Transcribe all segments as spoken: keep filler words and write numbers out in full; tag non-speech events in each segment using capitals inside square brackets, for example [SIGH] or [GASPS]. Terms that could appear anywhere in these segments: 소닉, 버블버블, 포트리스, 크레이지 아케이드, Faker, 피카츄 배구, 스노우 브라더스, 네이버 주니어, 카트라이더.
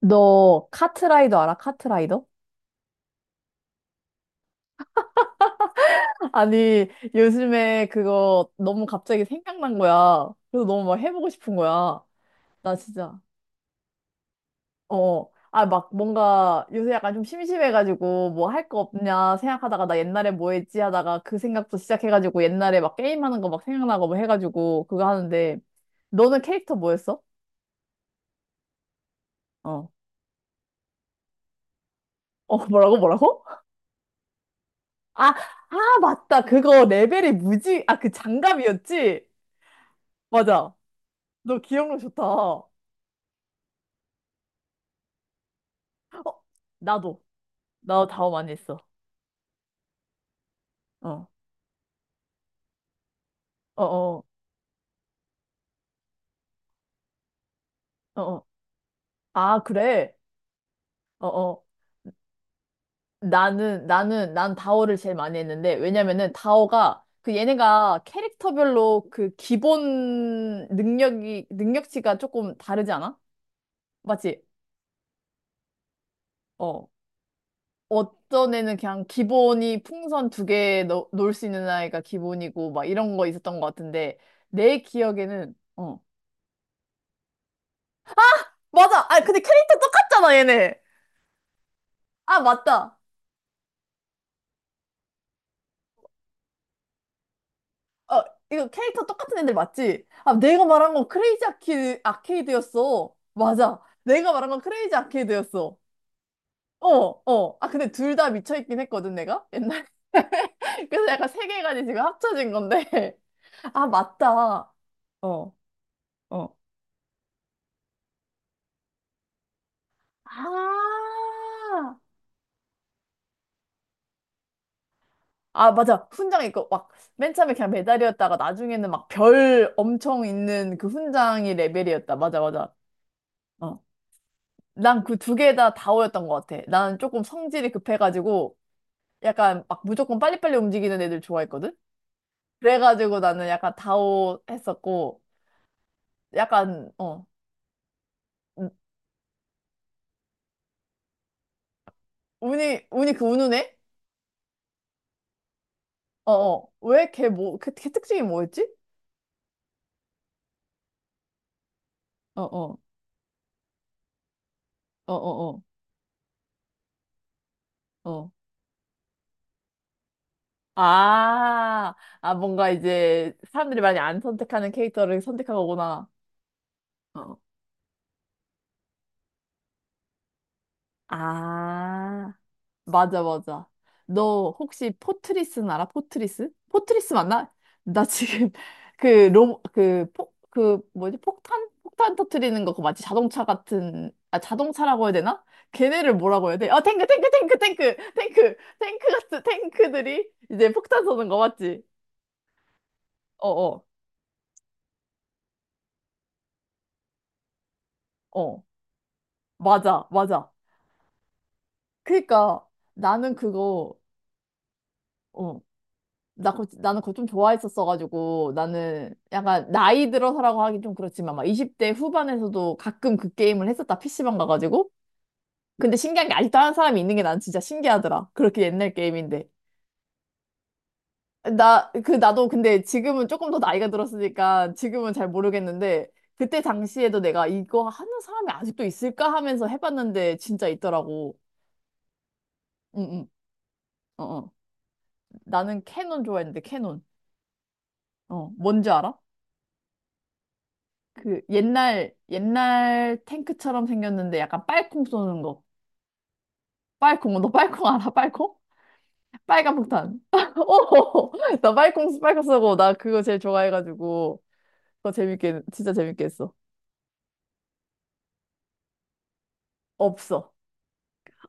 너 카트라이더 알아? 카트라이더? 아니, 요즘에 그거 너무 갑자기 생각난 거야. 그래서 너무 막 해보고 싶은 거야. 나 진짜, 어. 아, 막 뭔가 요새 약간 좀 심심해가지고 뭐 할 거 없냐 생각하다가 나 옛날에 뭐 했지 하다가 그 생각도 시작해가지고 옛날에 막 게임하는 거 막 생각나고 뭐 해가지고 그거 하는데. 너는 캐릭터 뭐였어? 어. 어, 뭐라고 뭐라고? 아, 아, 맞다. 그거 레벨이 무지, 아, 그 장갑이었지? 맞아. 너 기억력 좋다. 어, 나도. 나 다오 많이 했어. 어, 어, 어, 어, 어. 아, 그래? 어, 어. 나는, 나는, 난 다오를 제일 많이 했는데, 왜냐면은 다오가, 그 얘네가 캐릭터별로 그 기본 능력이, 능력치가 조금 다르지 않아? 맞지? 어. 어떤 애는 그냥 기본이 풍선 두 개 놀 수 있는 아이가 기본이고, 막 이런 거 있었던 것 같은데, 내 기억에는, 어. 맞아! 아, 근데 캐릭터 똑같잖아, 얘네! 아, 맞다. 어, 이거 캐릭터 똑같은 애들 맞지? 아, 내가 말한 건 크레이지 아키, 아케이드였어. 맞아. 내가 말한 건 크레이지 아케이드였어. 어, 어. 아, 근데 둘 다 미쳐있긴 했거든, 내가? 옛날에. [LAUGHS] 그래서 약간 세 개까지 지금 합쳐진 건데. [LAUGHS] 아, 맞다. 어, 어. 아, 아, 맞아. 훈장 있고, 막, 맨 처음에 그냥 메달이었다가 나중에는 막 별 엄청 있는 그 훈장이 레벨이었다. 맞아, 맞아. 어. 난 그 두 개 다 다오였던 것 같아. 나는 조금 성질이 급해가지고 약간 막 무조건 빨리빨리 움직이는 애들 좋아했거든? 그래가지고 나는 약간 다오 했었고 약간 어 우- 운이 운이 그 우는 애? 어어 왜 걔 뭐 걔 걔 특징이 뭐였지? 어어 어어어 어. 어, 어. 어. 아, 아 뭔가 이제 사람들이 많이 안 선택하는 캐릭터를 선택한 거구나. 어. 아. 맞아, 맞아. 너 혹시 포트리스는 알아? 포트리스? 포트리스 맞나? 나 지금 [LAUGHS] 그 로, 그, 포, 그 뭐지? 폭탄? 폭탄 터트리는 거 그거 맞지? 자동차 같은, 아, 자동차라고 해야 되나? 걔네를 뭐라고 해야 돼? 어, 탱크, 탱크, 탱크, 탱크, 탱크, 탱크 같은 탱크들이 이제 폭탄 쏘는 거 맞지? 어, 어, 어. 맞아, 맞아. 그니까 나는 그거, 어. 나 그거, 나는 그거 좀 좋아했었어가지고 나는 약간 나이 들어서라고 하긴 좀 그렇지만 막 이십 대 후반에서도 가끔 그 게임을 했었다 피시방 가가지고. 근데 신기한 게 아직도 하는 사람이 있는 게 난 진짜 신기하더라. 그렇게 옛날 게임인데 나 그 나도 근데 지금은 조금 더 나이가 들었으니까 지금은 잘 모르겠는데 그때 당시에도 내가 이거 하는 사람이 아직도 있을까 하면서 해봤는데 진짜 있더라고. 응응. 어어. 나는 캐논 좋아했는데 캐논. 어 뭔지 알아? 그 옛날 옛날 탱크처럼 생겼는데 약간 빨콩 쏘는 거. 빨콩 너 빨콩 알아? 빨콩? 빨간 폭탄. [LAUGHS] 어, 나 빨콩 빨콩 쏘고 나 그거 제일 좋아해가지고 그거 재밌게 진짜 재밌게 했어. 없어.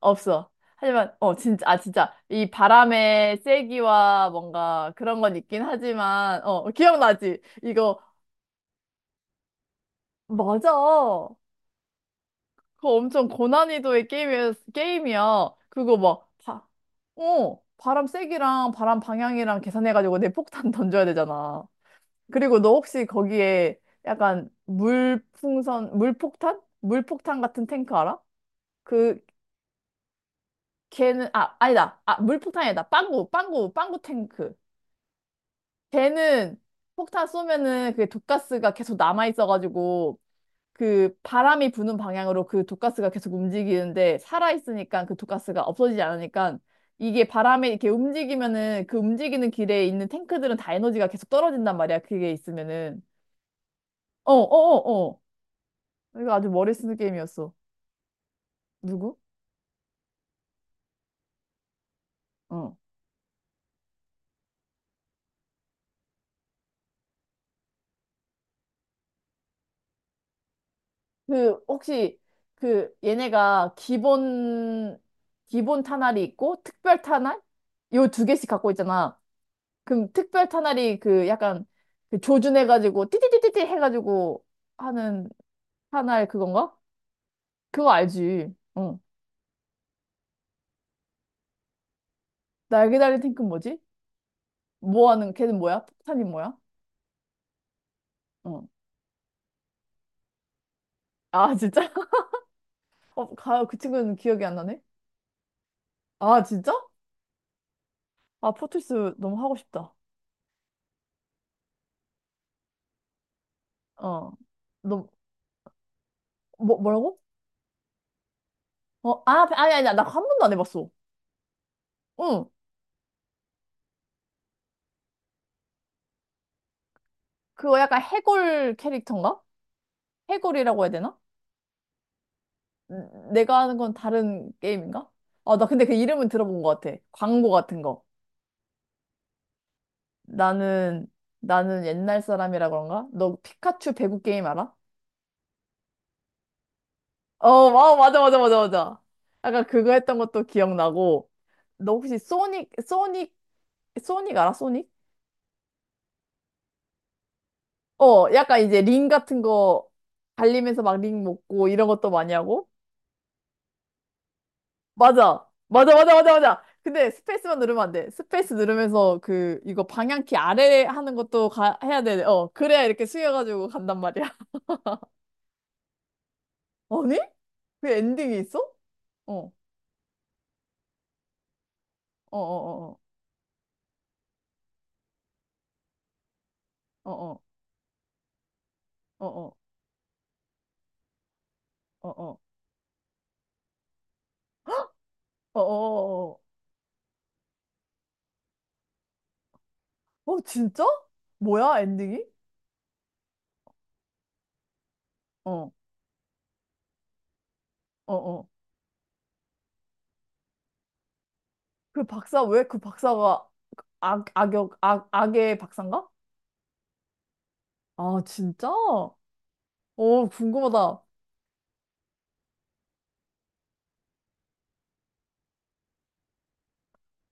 없어. 하지만 어 진짜 아 진짜 이 바람의 세기와 뭔가 그런 건 있긴 하지만 어 기억나지? 이거. 맞아. 그거 엄청 고난이도의 게임이야. 게임이야. 그거 막, 바, 어, 바람 세기랑 바람 방향이랑 계산해가지고 내 폭탄 [LAUGHS] 던져야 되잖아. 그리고 너 혹시 거기에 약간 물풍선, 물폭탄? 물폭탄 같은 탱크 알아? 그, 걔는, 아, 아니다. 아, 물폭탄이다. 빵구, 빵구, 빵구 탱크. 걔는 폭탄 쏘면은 그게 독가스가 계속 남아있어가지고 그 바람이 부는 방향으로 그 독가스가 계속 움직이는데 살아있으니까 그 독가스가 없어지지 않으니까 이게 바람에 이렇게 움직이면은 그 움직이는 길에 있는 탱크들은 다 에너지가 계속 떨어진단 말이야. 그게 있으면은. 어, 어, 어, 어. 이거 아주 머리 쓰는 게임이었어. 누구? 어. 그 혹시 그 얘네가 기본 기본 탄알이 있고 특별 탄알 요 두 개씩 갖고 있잖아. 그럼 특별 탄알이 그 약간 그 조준해가지고 띠띠띠띠띠 해가지고 하는 탄알 그건가? 그거 알지? 어. 날개 달린 탱크 는 뭐지? 뭐 하는 걔는 뭐야? 폭탄이 뭐야? 어. 아 진짜? [LAUGHS] 어, 가, 그 친구는 기억이 안 나네. 아 진짜? 아 포트리스 너무 하고 싶다. 어. 너 뭐, 뭐라고? 어, 아 아니 아니 나 한 번도 안 해봤어. 응. 그거 약간 해골 캐릭터인가? 해골이라고 해야 되나? 내가 하는 건 다른 게임인가? 아, 나 근데 그 이름은 들어본 것 같아. 광고 같은 거. 나는, 나는 옛날 사람이라 그런가? 너 피카츄 배구 게임 알아? 어, 와, 맞아, 맞아, 맞아, 맞아. 아까 그거 했던 것도 기억나고. 너 혹시 소닉, 소닉, 소닉 알아? 소닉? 어, 약간 이제 링 같은 거 달리면서 막 링 먹고 이런 것도 많이 하고. 맞아. 맞아, 맞아, 맞아, 맞아. 근데 스페이스만 누르면 안 돼. 스페이스 누르면서 그, 이거 방향키 아래 하는 것도 가, 해야 돼. 어, 그래야 이렇게 숙여가지고 간단 말이야. [LAUGHS] 아니? 그 엔딩이 있어? 어, 어, 어, 어, 어, 어, 어, 어, 어, 어, [GASPS] 어, 어, 어, 어, 어, 어, 진짜? 뭐야, 엔딩이? 어, 어, 어. 그 박사, 왜 그 박사가 악, 악역, 악, 악의 박사인가? 아, 진짜? 어, 궁금하다.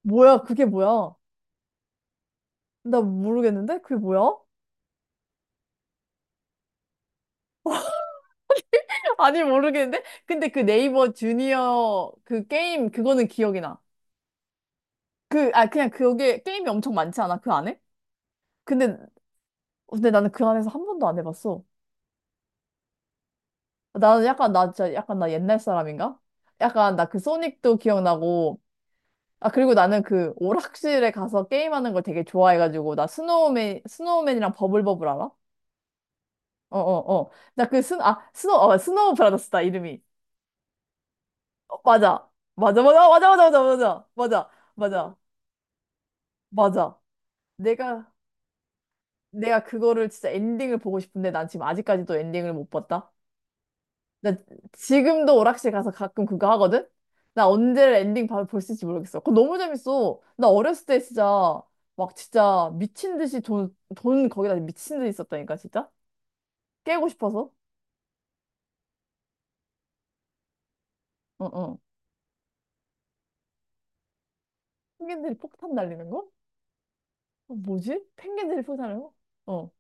뭐야, 그게 뭐야? 나 모르겠는데? 그게 뭐야? [LAUGHS] 아니, 모르겠는데? 근데 그 네이버 주니어 그 게임, 그거는 기억이 나. 그, 아, 그냥 그게 게임이 엄청 많지 않아? 그 안에? 근데, 근데 나는 그 안에서 한 번도 안 해봤어. 나는 약간, 나 진짜 약간 나 옛날 사람인가? 약간 나 그 소닉도 기억나고, 아, 그리고 나는 그 오락실에 가서 게임하는 걸 되게 좋아해가지고, 나 스노우맨, 스노우맨이랑 버블버블 알아? 어 어 어. 나 그 스, 아, 스노 어, 스노우 브라더스다, 이름이. 어, 맞아. 맞아, 맞아, 맞아, 맞아, 맞아, 맞아, 맞아, 맞아, 맞아. 내가, 내가 그거를 진짜 엔딩을 보고 싶은데 난 지금 아직까지도 엔딩을 못 봤다. 나 지금도 오락실 가서 가끔 그거 하거든? 나 언제 엔딩 봐볼수 있을지 모르겠어. 그거 너무 재밌어. 나 어렸을 때 진짜 막 진짜 미친 듯이 돈, 돈 거기다 미친 듯이 썼다니까, 진짜? 깨고 싶어서? 응, 응. 펭귄들이 폭탄 날리는 거? 어, 뭐지? 펭귄들이 폭탄을? 어, 어,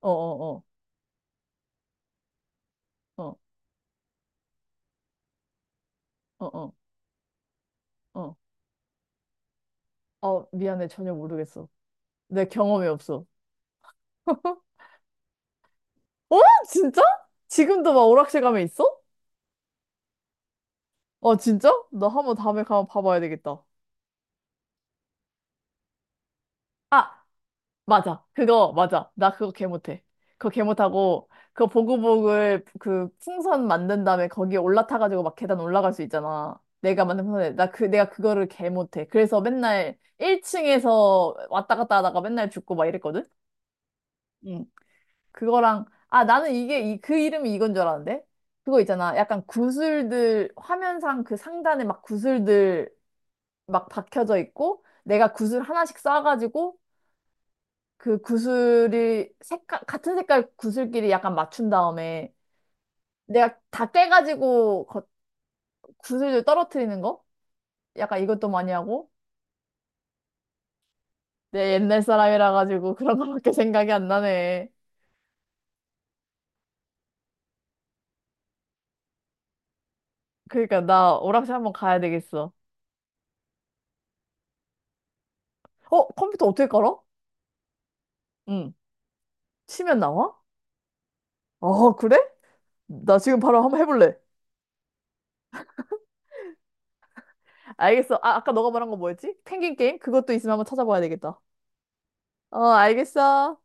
어, 어, 어, 어, 어. 어. 어, 미안해. 전혀 모르겠어. 내 경험이 없어. 어? 진짜? 지금도 막 오락실 가면 있어? 어, 진짜? 나 한번 다음에 가면 봐봐야 되겠다. 아, 맞아. 그거, 맞아. 나 그거 개 못해. 그거 개 못하고, 그거 보글보글 그 풍선 만든 다음에 거기에 올라타가지고 막 계단 올라갈 수 있잖아. 내가 만든 풍선에. 나 그, 내가 그거를 개 못해. 그래서 맨날 일 층에서 왔다 갔다 하다가 맨날 죽고 막 이랬거든? 그거랑 아 나는 이게 이, 그 이름이 이건 줄 알았는데 그거 있잖아 약간 구슬들 화면상 그 상단에 막 구슬들 막 박혀져 있고 내가 구슬 하나씩 쌓아가지고 그 구슬이 색깔 같은 색깔 구슬끼리 약간 맞춘 다음에 내가 다 깨가지고 거- 구슬들 떨어뜨리는 거 약간 이것도 많이 하고 내 옛날 사람이라 가지고 [LAUGHS] 그런 거밖에 생각이 안 나네. 그러니까 나 오락실 한번 가야 되겠어. 어 컴퓨터 어떻게 깔아? 응 치면 나와? 어, 그래? 나 지금 바로 한번 해볼래. 알겠어. 아, 아까 너가 말한 거 뭐였지? 펭귄 게임? 그것도 있으면 한번 찾아봐야 되겠다. 어, 알겠어.